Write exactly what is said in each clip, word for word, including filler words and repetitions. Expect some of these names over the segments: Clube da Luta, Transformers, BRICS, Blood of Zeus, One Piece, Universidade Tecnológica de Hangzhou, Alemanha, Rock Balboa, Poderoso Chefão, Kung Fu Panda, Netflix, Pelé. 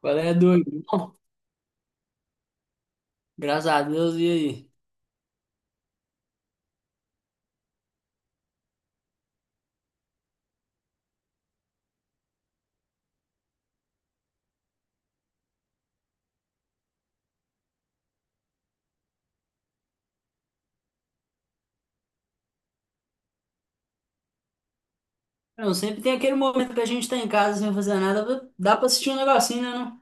Qual é, doido? Bom, graças a Deus, e aí? Não, sempre tem aquele momento que a gente tá em casa sem fazer nada, dá pra assistir um negocinho, né, não?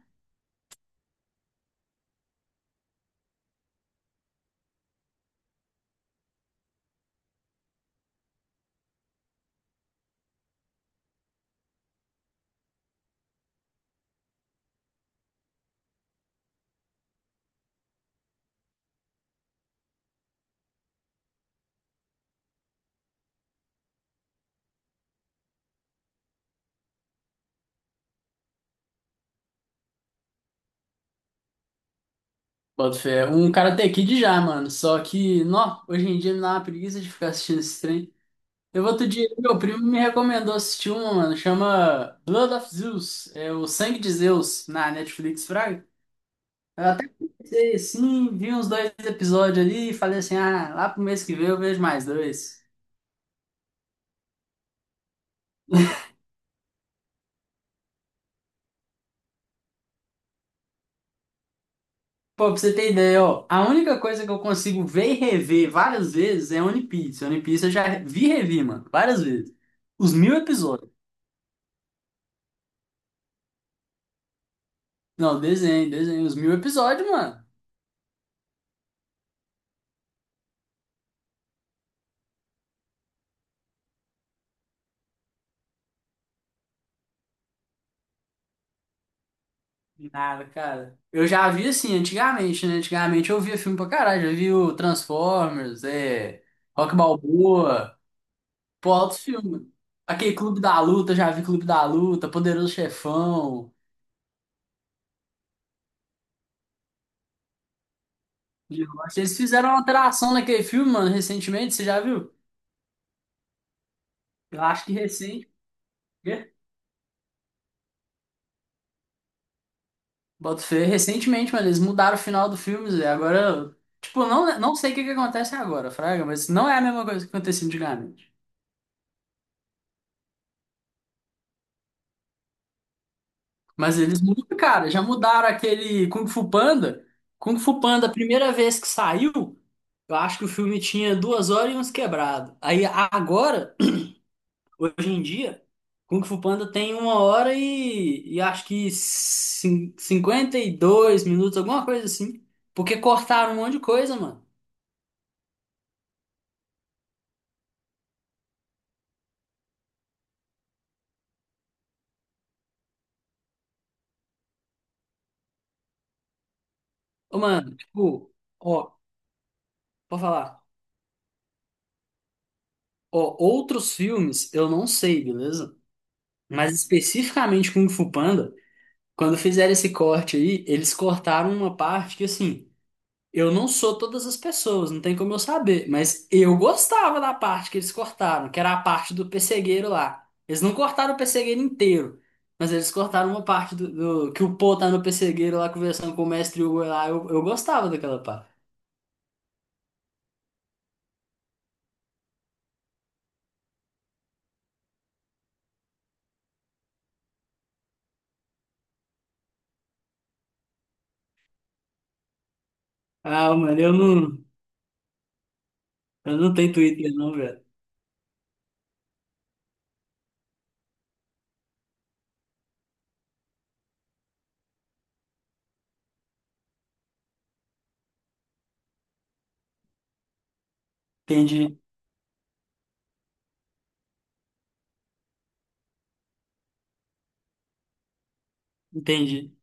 Bota fé, um Karate Kid já, mano, só que, nó, hoje em dia me dá uma preguiça de ficar assistindo esse trem. Eu vou outro dia, meu primo me recomendou assistir uma, mano, chama Blood of Zeus, é o Sangue de Zeus, na Netflix, fraga. Eu até comecei, assim, vi uns dois episódios ali e falei assim, ah, lá pro mês que vem eu vejo mais dois. Pô, pra você ter ideia, ó, a única coisa que eu consigo ver e rever várias vezes é One Piece. One Piece eu já vi e revi, mano, várias vezes. Os mil episódios. Não, desenho, desenho, os mil episódios, mano. Nada, cara. Eu já vi assim, antigamente, né? Antigamente eu via filme pra caralho, já vi o Transformers, é, Rock Balboa, pô, altos filmes. Aquele Clube da Luta, já vi Clube da Luta, Poderoso Chefão. Eles fizeram uma alteração naquele filme, mano, recentemente, você já viu? Eu acho que recente. Boto fé recentemente, mas eles mudaram o final do filme, Zé. Agora, tipo, não, não sei o que que acontece agora, Fraga, mas não é a mesma coisa que acontecia antigamente. Mas eles mudam, cara, já mudaram aquele Kung Fu Panda. Kung Fu Panda, a primeira vez que saiu, eu acho que o filme tinha duas horas e uns quebrados. Aí agora, hoje em dia, Kung Fu Panda tem uma hora e, e acho que cin- cinquenta e dois minutos, alguma coisa assim. Porque cortaram um monte de coisa, mano. Ô, mano, tipo. Ó, vou falar. Ó, outros filmes eu não sei, beleza? Mas especificamente Kung Fu Panda, quando fizeram esse corte aí, eles cortaram uma parte que assim, eu não sou todas as pessoas, não tem como eu saber, mas eu gostava da parte que eles cortaram, que era a parte do pessegueiro lá. Eles não cortaram o pessegueiro inteiro, mas eles cortaram uma parte do, do- que o Po tá no pessegueiro lá conversando com o mestre Hugo lá. Eu, eu gostava daquela parte. Ah, mano, eu não, eu não tenho Twitter não, velho. Entendi, entendi,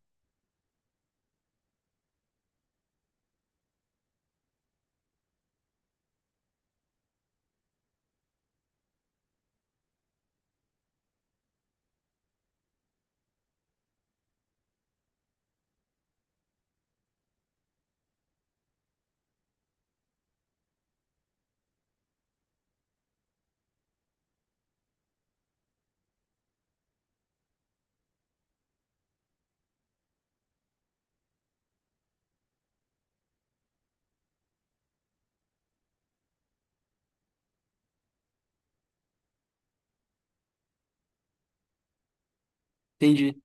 entendi.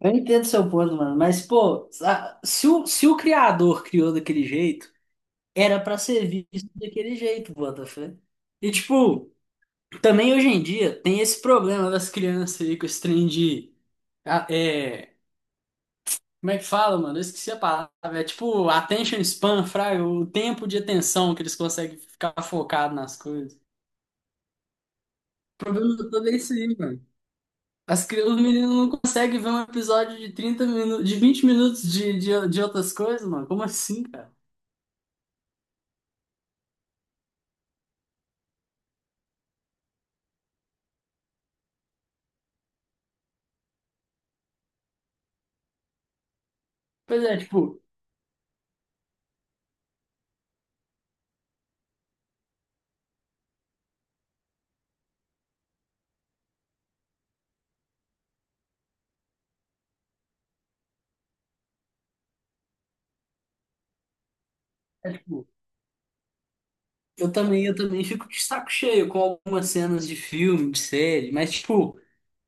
Eu entendo seu ponto, mano, mas, pô, sa- se o, se o criador criou daquele jeito, era pra ser visto daquele jeito, Botafé. E, tipo, também hoje em dia tem esse problema das crianças aí com esse trem de. Ah, é, como é que fala, mano? Eu esqueci a palavra. É tipo, attention span, fraga, o tempo de atenção que eles conseguem ficar focado nas coisas. O problema todo é isso aí, mano. As, cri- os meninos não conseguem ver um episódio de trinta minutos, de vinte minutos de, de, de outras coisas, mano. Como assim, cara? Pois é, tipo, é, tipo, eu também, eu também fico de saco cheio com algumas cenas de filme, de série, mas, tipo,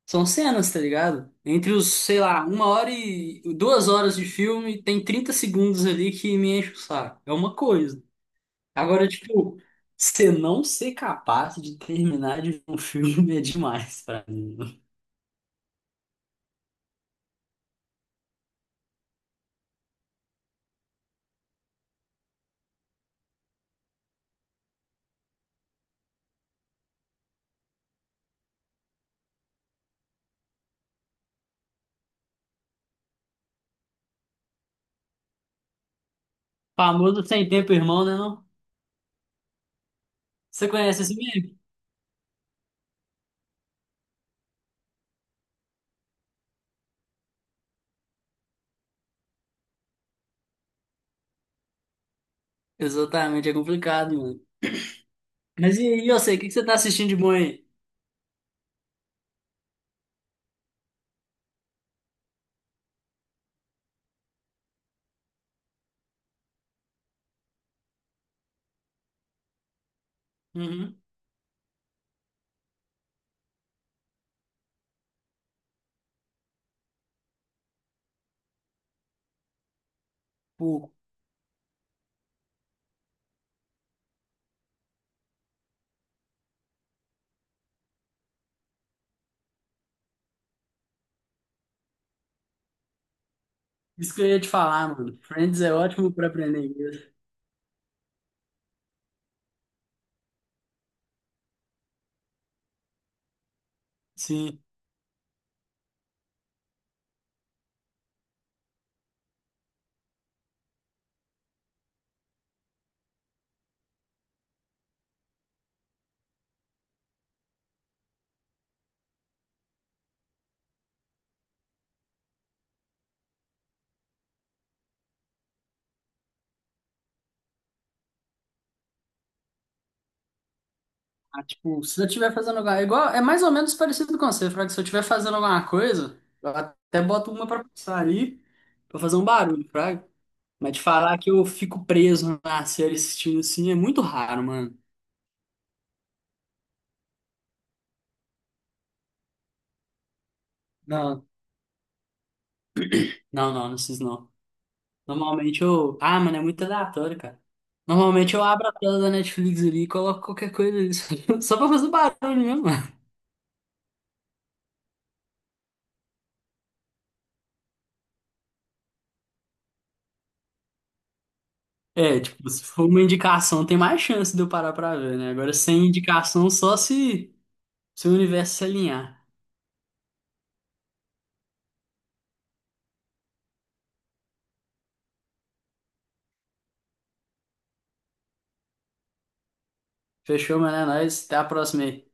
são cenas, tá ligado? Entre os, sei lá, uma hora e duas horas de filme, tem trinta segundos ali que me enche o saco. É uma coisa. Agora, tipo, você não ser capaz de terminar de ver um filme é demais pra mim. Famoso sem tempo, irmão, né? Não? Você conhece esse meme? Exatamente, é complicado, mano. Mas e aí, eu sei, o que que você tá assistindo de bom aí? Uhum. Pouco. Isso que eu ia te falar, mano. Friends é ótimo pra aprender inglês. Sim. Ah, tipo, se eu estiver fazendo alguma... É igual, é mais ou menos parecido com você, Fraga. Se eu estiver fazendo alguma coisa, eu até boto uma pra passar ali, pra fazer um barulho, Fraga. Mas de falar que eu fico preso na série assistindo assim, é muito raro, mano. Não, não, não, não preciso não. Normalmente eu. Ah, mano, é muito aleatório, cara. Normalmente eu abro a tela da Netflix ali e coloco qualquer coisa ali, só só pra fazer barulho mesmo. É, tipo, se for uma indicação, tem mais chance de eu parar pra ver, né? Agora, sem indicação, só se, se o universo se alinhar. Fechou, mano? É nóis. Até a próxima aí.